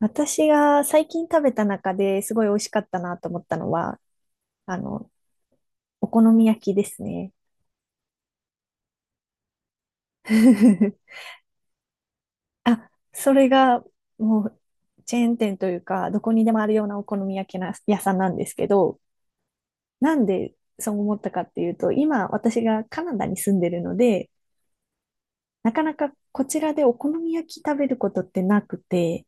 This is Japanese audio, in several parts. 私が最近食べた中ですごい美味しかったなと思ったのは、あの、お好み焼きですね。あ、それがもうチェーン店というか、どこにでもあるようなお好み焼きな屋さんなんですけど、なんでそう思ったかっていうと、今私がカナダに住んでるので、なかなかこちらでお好み焼き食べることってなくて、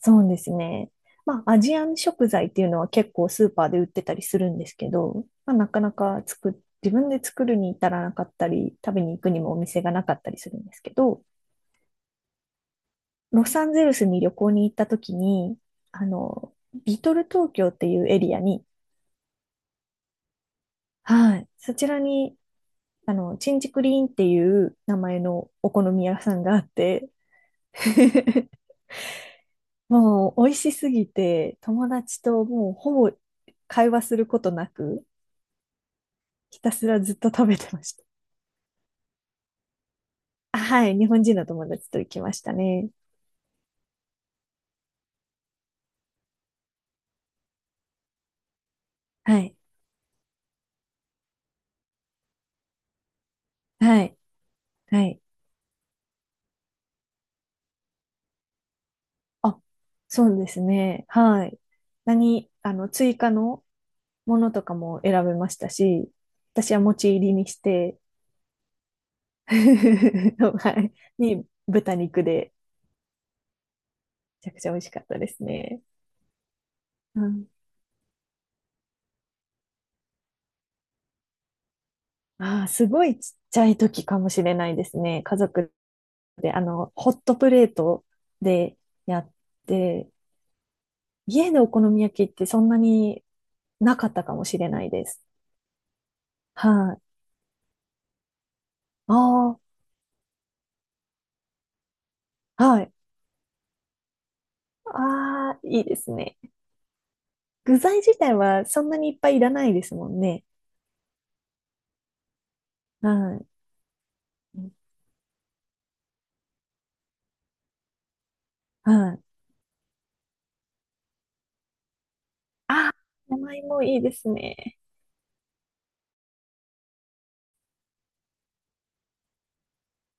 そうですね。まあ、アジアン食材っていうのは結構スーパーで売ってたりするんですけど、まあ、なかなか作っ、自分で作るに至らなかったり、食べに行くにもお店がなかったりするんですけど、ロサンゼルスに旅行に行った時に、あの、リトル東京っていうエリアに、はい、そちらに、チンジクリーンっていう名前のお好み屋さんがあって、もう美味しすぎて、友達ともうほぼ会話することなく、ひたすらずっと食べてました。あ、はい。日本人の友達と行きましたね。はい。はい。はい。あ、そうですね。はい。何、あの、追加のものとかも選べましたし、私は持ち入りにして、はい。に、豚肉で、めちゃくちゃ美味しかったですね。うん。ああ、すごいちっちゃい時かもしれないですね。家族で、ホットプレートでやって、家でお好み焼きってそんなになかったかもしれないです。はい。ああ、はい。ああ、いいですね。具材自体はそんなにいっぱいいらないですもんね。はい。はい。ああ、山芋いいですね。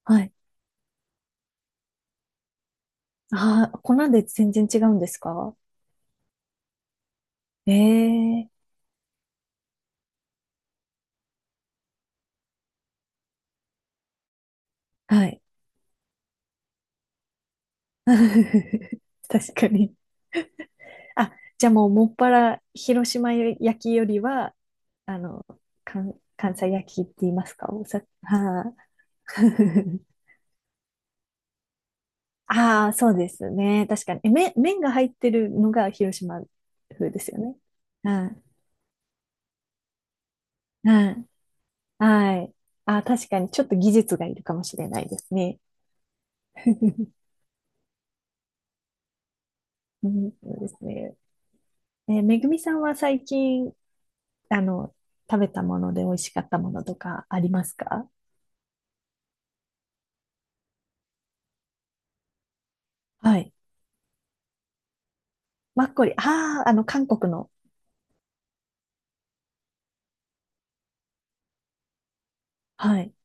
はい。ああ、粉で全然違うんですか？ええ、はい。確かに。あ、じゃあもうもっぱら広島焼きよりは、あの、関西焼きって言いますかおさはあ。ああ、そうですね。確かに。麺が入ってるのが広島風ですよね。はい。はい。はい。ああ、確かに。ちょっと技術がいるかもしれないですね。うん、そうですね。えめぐみさんは最近、あの、食べたもので美味しかったものとかありますか？はい。マッコリ。ああ、あの、韓国の。はい。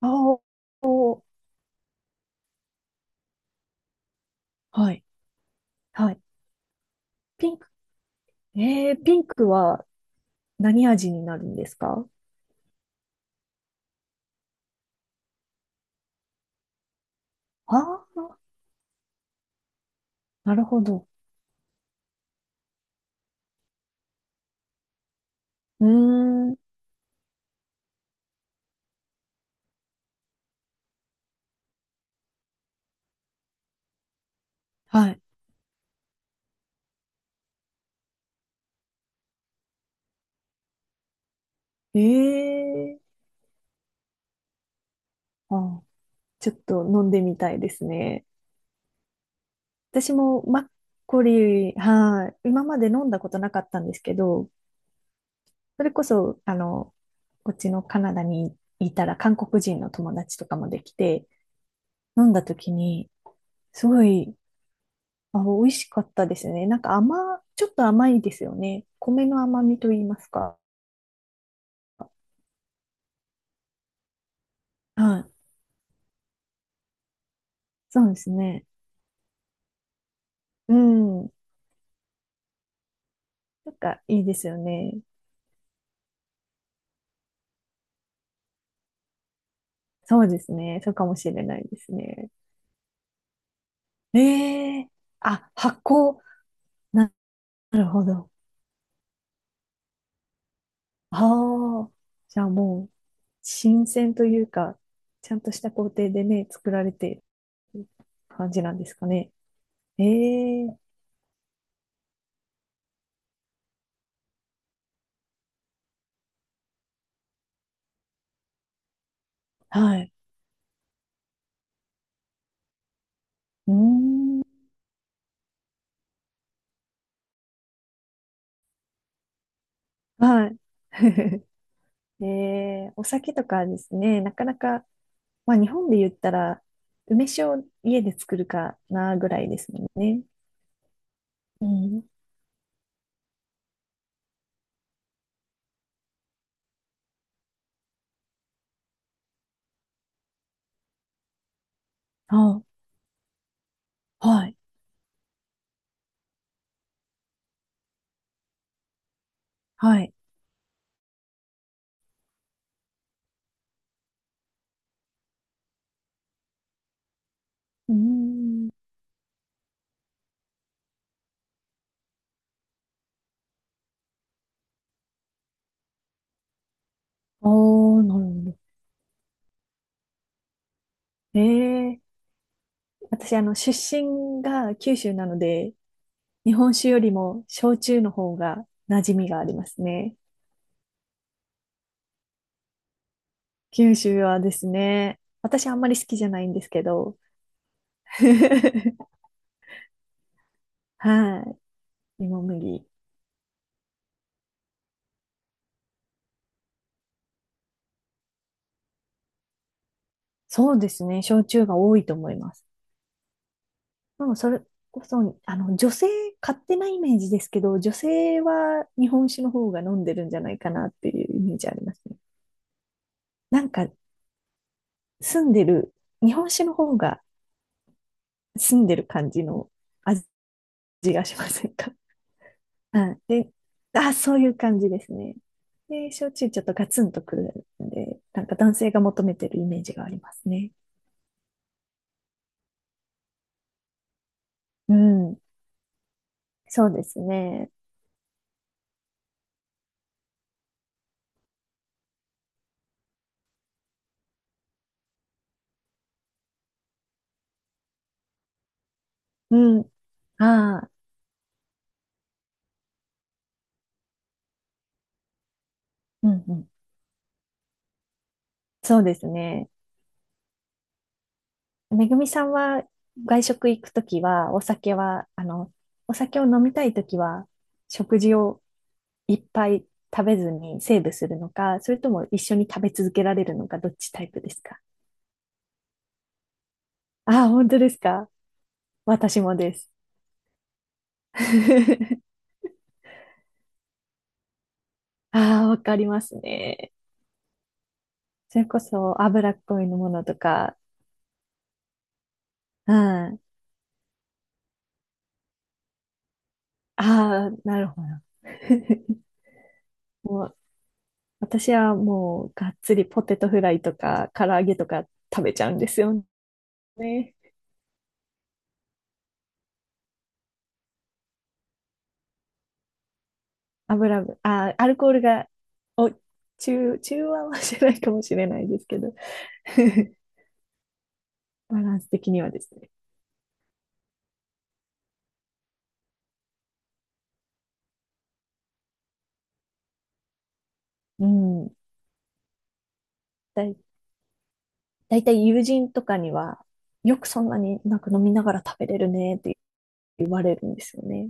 あー、おー、はい。はい。ピンク。えー、ピンクは何味になるんですか？ああー、なるほど。うーん。はい。ええ、あ、ちょっと飲んでみたいですね。私もマッコリー、はい。今まで飲んだことなかったんですけど、それこそ、こっちのカナダにいたら韓国人の友達とかもできて、飲んだ時に、すごい、あ、美味しかったですね。なんかちょっと甘いですよね。米の甘みと言いますか。はい。そうですね。うん。なんかいいですよね。そうですね。そうかもしれないですね。ええ、あ、発酵。な、なるほど。ああ。じゃあもう、新鮮というか、ちゃんとした工程でね、作られてる感じなんですかね。ええ、はい。うーん、はい。ええお酒とかですね、なかなか、まあ日本で言ったら、梅酒を家で作るかなぐらいですもんね。うん。あ、はい、はい。うーん。おー、なるほど。ええ、私、出身が九州なので、日本酒よりも焼酎の方が馴染みがありますね。九州はですね、私あんまり好きじゃないんですけど、はい。芋麦。そうですね、焼酎が多いと思います。でも、それこそ、女性、勝手なイメージですけど、女性は日本酒の方が飲んでるんじゃないかなっていうイメージありますね。なんか、住んでる、日本酒の方が、住んでる感じの味がしませんか。うん。で、あ、そういう感じですね。で、焼酎ちょっとガツンとくるんで、なんか男性が求めてるイメージがありますね。うん。そうですね。うん。ああ、うんうん。そうですね。めぐみさんは外食行くときは、お酒は、お酒を飲みたいときは、食事をいっぱい食べずにセーブするのか、それとも一緒に食べ続けられるのか、どっちタイプですか？ああ、本当ですか？私もです。ああ、わかりますね。それこそ脂っこいのものとか。うん。ああ、なるほど。もう、私はもうがっつりポテトフライとか唐揚げとか食べちゃうんですよね。油分、あー、アルコールが、お、中和はしないかもしれないですけど、バランス的にはですね。うん。だだいたい友人とかには、よくそんなになんか飲みながら食べれるねって言われるんですよね。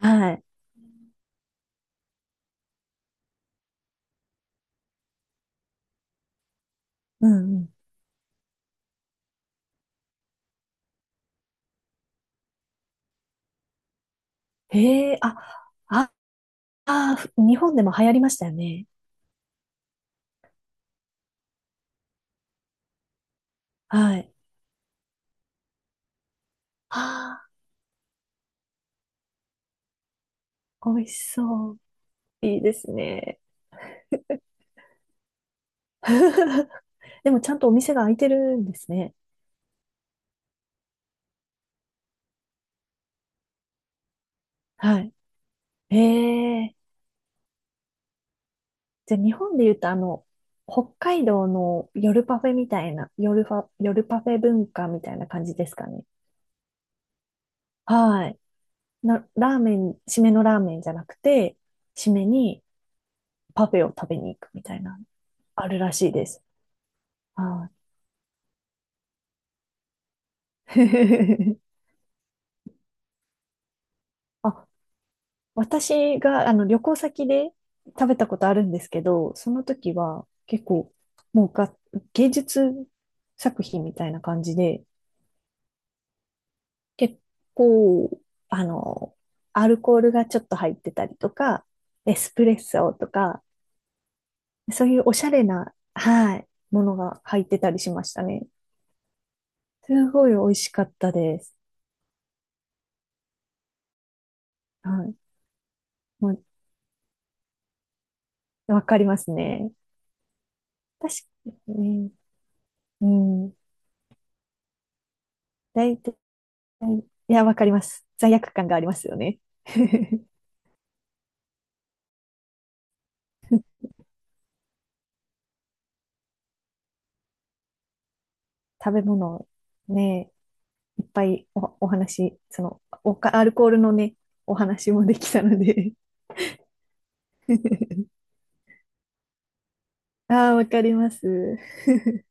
はい。うんうん。へえ、あ、あ、日本でも流行りましたよね。はい。ああ、美味しそう。いいですね。でもちゃんとお店が開いてるんですね。はい。へえ。じゃあ日本で言うとあの、北海道の夜パフェみたいな、夜パフェ文化みたいな感じですかね。はい。ラーメン、締めのラーメンじゃなくて、締めにパフェを食べに行くみたいな、あるらしいです。はい。あ、私があの旅行先で食べたことあるんですけど、その時は結構、もうが、芸術作品みたいな感じで、結構、あの、アルコールがちょっと入ってたりとか、エスプレッソとか、そういうおしゃれな、はい、ものが入ってたりしましたね。すごい美味しかったです。はい。もう、わかりますね。確かにね。うん。大体、いや、わかります。罪悪感がありますよね。食べ物、ね、いっぱいお、お話、アルコールのね、お話もできたので ああ、わかります。